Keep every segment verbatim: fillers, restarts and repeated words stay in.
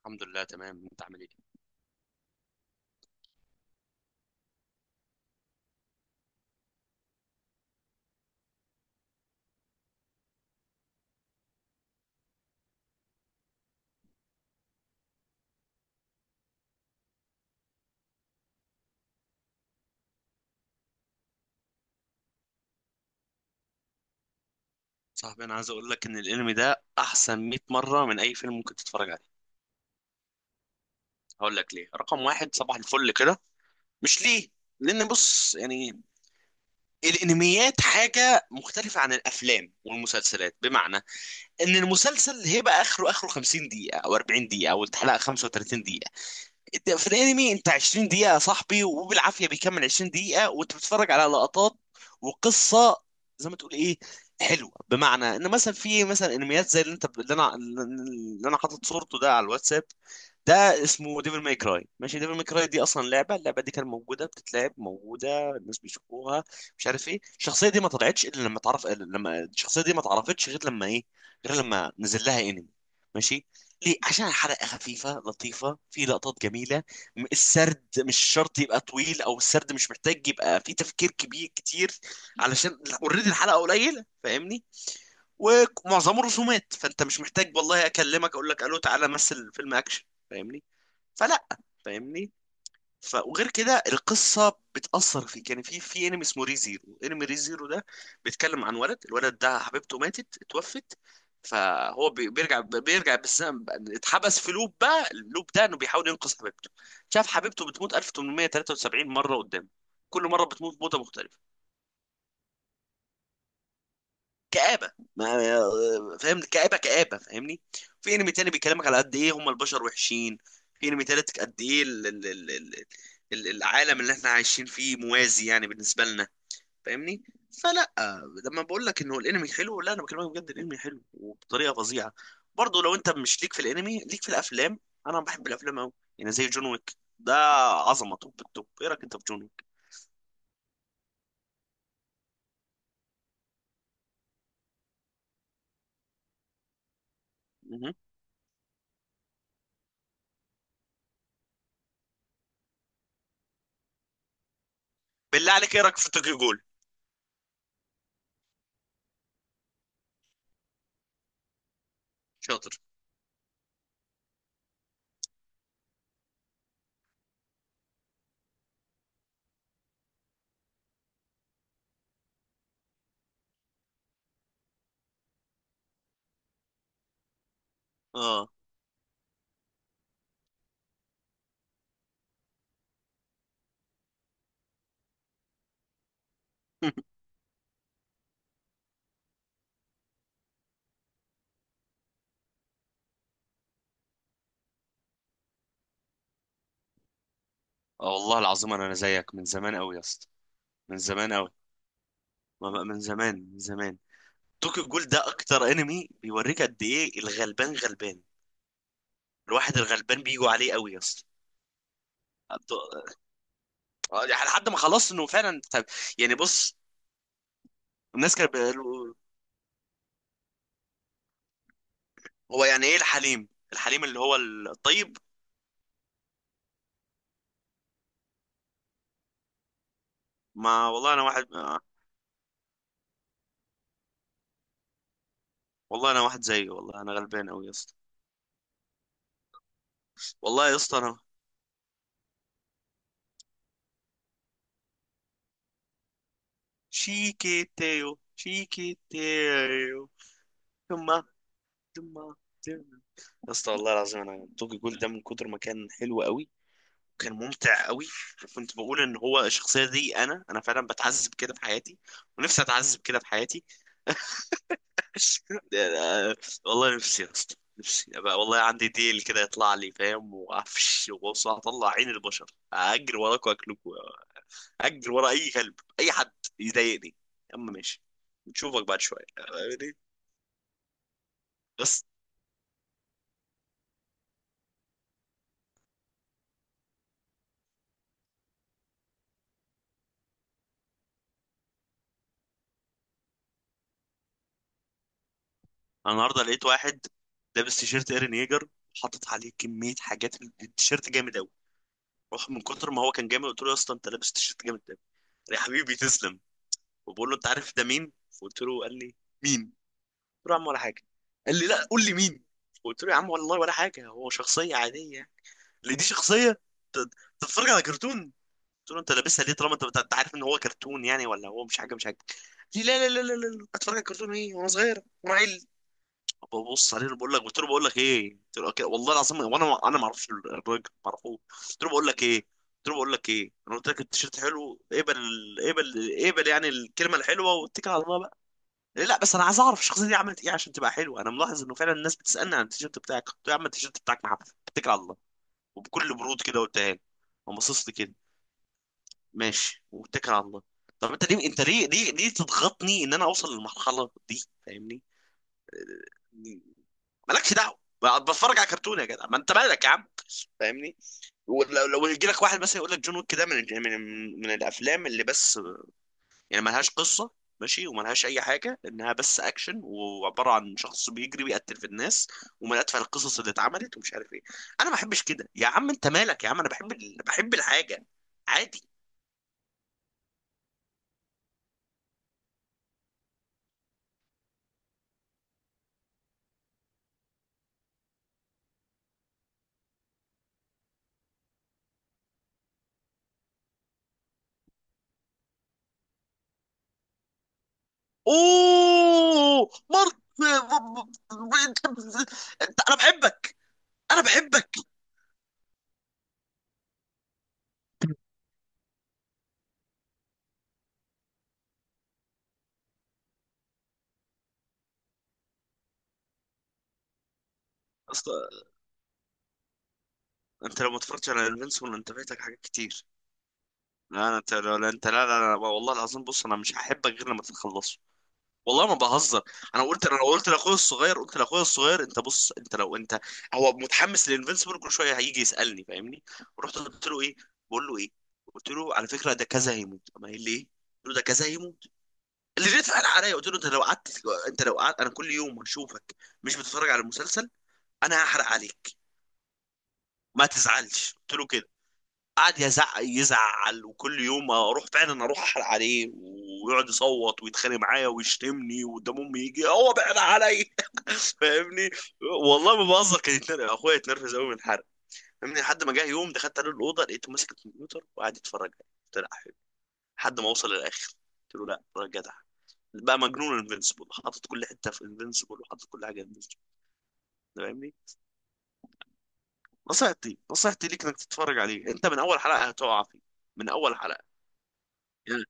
الحمد لله، تمام. انت عامل ايه؟ صاحبي، انا عايز اقول لك ان الانمي ده احسن مائة مره من اي فيلم ممكن تتفرج عليه. هقول لك ليه. رقم واحد، صباح الفل كده. مش ليه. لان بص، يعني الانميات حاجه مختلفه عن الافلام والمسلسلات، بمعنى ان المسلسل هيبقى اخره اخره خمسين دقيقه او اربعين دقيقه او الحلقه خمسة وثلاثين دقيقه. انت في الانمي انت عشرين دقيقة يا صاحبي، وبالعافية بيكمل عشرين دقيقة وانت بتتفرج على لقطات وقصة زي ما تقول ايه، حلوة. بمعنى ان مثلا في مثلا انميات زي اللي انت اللي انا اللي انا حاطط صورته ده على الواتساب. ده اسمه ديفل ماي كراي، ماشي. ديفل ماي كراي دي اصلا لعبه، اللعبه دي كانت موجوده بتتلعب، موجوده، الناس بيشوفوها، مش عارف ايه. الشخصيه دي ما طلعتش الا لما تعرف، لما الشخصيه دي ما اتعرفتش غير لما ايه، غير لما نزل لها انمي. ماشي. ليه؟ عشان الحلقه خفيفه لطيفه، في لقطات جميله. م- السرد مش شرط يبقى طويل، او السرد مش محتاج يبقى فيه تفكير كبير كتير، علشان اوريدي الحلقه قليله، فاهمني؟ ومعظمه رسومات، فانت مش محتاج والله اكلمك اقول لك الو تعالى مثل فيلم اكشن. فاهمني؟ فلا. فاهمني؟ ف... وغير كده القصه بتاثر فيك. يعني في في انمي اسمه ريزيرو، انمي ريزيرو ده بيتكلم عن ولد، الولد ده حبيبته ماتت، اتوفت، فهو بي- بيرجع بيرجع بالزمن، بقى- اتحبس في لوب، بقى اللوب ده انه بيحاول ينقذ حبيبته. شاف حبيبته بتموت ألف وتمنمية تلاتة وسبعين مره قدام، كل مره بتموت موته مختلفه. كآبة، ما فاهم؟ كآبة كآبة، فاهمني؟ في انمي تاني بيكلمك على قد ايه هم البشر وحشين. في انمي تالت، قد ايه ال- ال- ال- ال- ال- العالم اللي احنا عايشين فيه موازي يعني بالنسبة لنا. فاهمني؟ فلا. لما بقول لك انه الانمي حلو، لا انا بكلمك بجد، الانمي حلو وبطريقة فظيعة. برضه لو انت مش ليك في الانمي، ليك في الافلام. انا بحب الافلام قوي. يعني زي جون ويك ده، عظمة، توب التوب. ايه رايك انت في جون ويك؟ مهم. بالله عليك، ايه رايك في توكيو جول؟ شاطر. اه. اه والله العظيم انا أنا زيك من زمان قوي يا اسطى. من زمان قوي. من زمان. من زمان. توكيو جول ده اكتر انمي بيوريك، قد ايه الغلبان غلبان. الواحد الغلبان بيجوا عليه قوي يا اسطى. عبد- آه، يعني لحد ما خلاص انه فعلا، طب يعني بص، الناس كانت بيقولوا هو يعني ايه الحليم؟ الحليم اللي هو الطيب. ما والله انا واحد آه، والله انا واحد زيه، والله انا غلبان قوي يا اسطى. والله يا اسطى انا، شيكيتيو شيكيتيو. تما، تما. يا اسطى والله العظيم انا، توكي جول ده من كتر ما كان حلو قوي، وكان ممتع قوي. وكنت بقول ان هو الشخصيه دي انا انا فعلا بتعذب كده في حياتي، ونفسي اتعذب كده في حياتي. والله نفسي يا اسطى، نفسي أبقى والله عندي ديل كده يطلع لي، فاهم؟ وعفش، وبص، هطلع عين البشر، اجري وراك واكلكوا، اجري ورا اي كلب، اي حد يضايقني. يا عم ماشي، نشوفك بعد شويه. بس. انا النهارده لقيت واحد لابس تيشيرت ايرن ييجر، حاطط عليه كميه حاجات من التيشيرت جامد قوي، روح. من كتر ما هو كان جامد، قلت له يا اسطى انت لابس تيشيرت جامد قوي. يا حبيبي تسلم. وبقول له، انت عارف ده مين؟ فقلت له، قال لي مين؟ قلت له يا عم ولا حاجه. قال لي، لا قول لي مين. قلت له يا عم والله ولا حاجه، هو شخصيه عاديه، اللي دي شخصيه، ت- تتفرج على كرتون. قلت له، انت لابسها ليه طالما انت بت- انت عارف ان هو كرتون؟ يعني ولا هو مش حاجه، مش حاجه. قال لي لا لا لا لا لا لا، اتفرج على كرتون ايه وانا صغير وانا عيل. ببص عليه بقول لك، قلت له بقول لك ايه، قلت له أوكي، والله العظيم وانا انا ما اعرفش الراجل، ما اعرفوش. قلت له بقول لك ايه، قلت له بقول لك ايه، انا قلت لك التيشيرت حلو، اقبل. اقبل اقبل، يعني الكلمه الحلوه واتكل على الله بقى. إيه، لا بس انا عايز اعرف الشخصيه دي عملت ايه عشان تبقى حلوه، انا ملاحظ انه فعلا الناس بتسالني عن التيشيرت بتاعك. قلت له يا عم، التيشيرت بتاعك محفل، اتكل على الله. وبكل برود كده قلتها له. قام باصص لي كده، ماشي واتكل على الله. طب انت ليه، انت ليه ليه ليه تضغطني ان انا اوصل للمرحله دي؟ فاهمني؟ مالكش دعوه، ما بتفرج على كرتون يا جدع، ما انت مالك يا عم. فاهمني؟ ولو لو يجي لك واحد مثلا يقول لك، جون ويك ده من الج- من من الافلام اللي بس، يعني ملهاش قصه، ماشي، وملهاش اي حاجه، انها بس اكشن، وعباره عن شخص بيجري بيقتل في الناس، ومن اتفه القصص اللي اتعملت ومش عارف ايه. انا ما بحبش كده، يا عم انت مالك يا عم، انا بحب ال... بحب الحاجه عادي. اوه مرت، انت، انا بحبك. انا بحبك. أصل انت لو ما اتفرجتش على انفينسيبل، انت فايتك حاجات كتير. لا أنا- انت لا لا- انت لا لا, لا والله العظيم، بص انا مش هحبك غير لما تخلصه. والله ما بهزر. انا قلت انا قلت لاخويا الصغير قلت لاخويا الصغير، انت بص انت لو انت، هو متحمس للانفينسيبل كل شويه هيجي يسالني، فاهمني؟ ورحت قلت له ايه، بقول له ايه، قلت له على فكره ده كذا هيموت. اما قال لي ايه، قلت له ده كذا هيموت اللي جيت قال عليا. قلت له انت لو قعدت انت لو قعدت انا كل يوم هشوفك مش بتتفرج على المسلسل، انا هحرق عليك. ما تزعلش، قلت له كده. قعد يزعق يزعل، وكل يوم اروح فعلا اروح احرق عليه، ويقعد يصوت ويتخانق معايا ويشتمني، وقدام امي يجي هو بعد عليا. فاهمني؟ والله ما بهزر، كان يتنرفز اخويا، يتنرفز قوي من الحرق. فاهمني؟ لحد ما جه يوم دخلت عليه الاوضه لقيته ماسك الكمبيوتر وقاعد يتفرج عليه، قلت له لا، حلو، لحد ما اوصل للاخر. قلت له، لا راجع جدع. بقى مجنون انفنسبل، حاطط كل حته في انفنسبل، وحاطط كل حاجه انفنسبل. فاهمني؟ نصيحتي، نصيحتي ليك انك تتفرج عليه، انت من اول حلقه هتقع فيه. من اول حلقه. يعني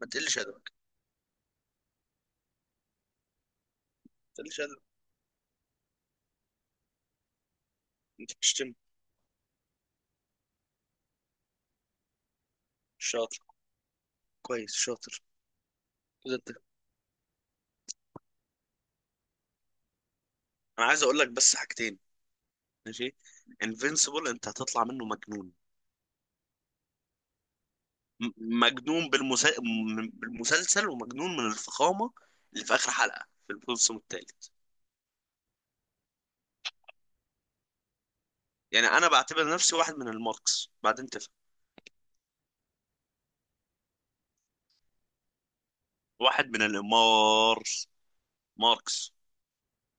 ما تقلش ادب. ده اللي شاطر، انت بتشتم. شاطر. كويس، شاطر. ده انت، انا عايز اقول لك بس حاجتين. ماشي. انفينسيبل انت هتطلع منه مجنون، م- مجنون بالمس... م- بالمسلسل، ومجنون من الفخامه اللي في اخر حلقه في الموسم الثالث. يعني انا بعتبر نفسي واحد من الماركس، بعدين تفهم. واحد من المارس ماركس.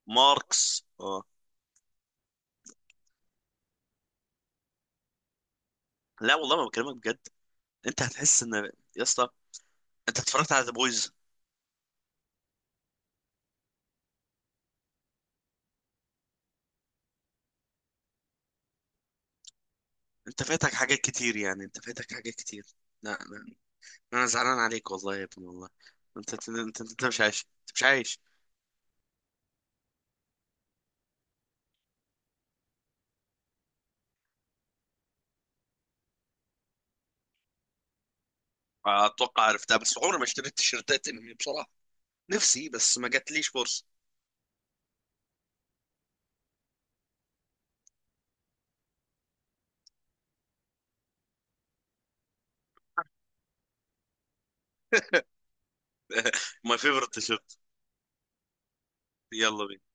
ماركس، اه. لا والله ما بكلمك بجد، انت هتحس ان، يا اسطى انت اتفرجت على ذا بويز؟ انت فاتك حاجات كتير، يعني انت فاتك حاجات كتير. لا لا، انا زعلان عليك والله يا ابني، والله انت انت انت, انت مش عايش، انت مش عايش. اتوقع عرفتها، بس عمري ما اشتريت تيشيرتات انمي بصراحه، نفسي بس ما جاتليش فرصه. ماي فيفرت تيشيرت. يلا بينا.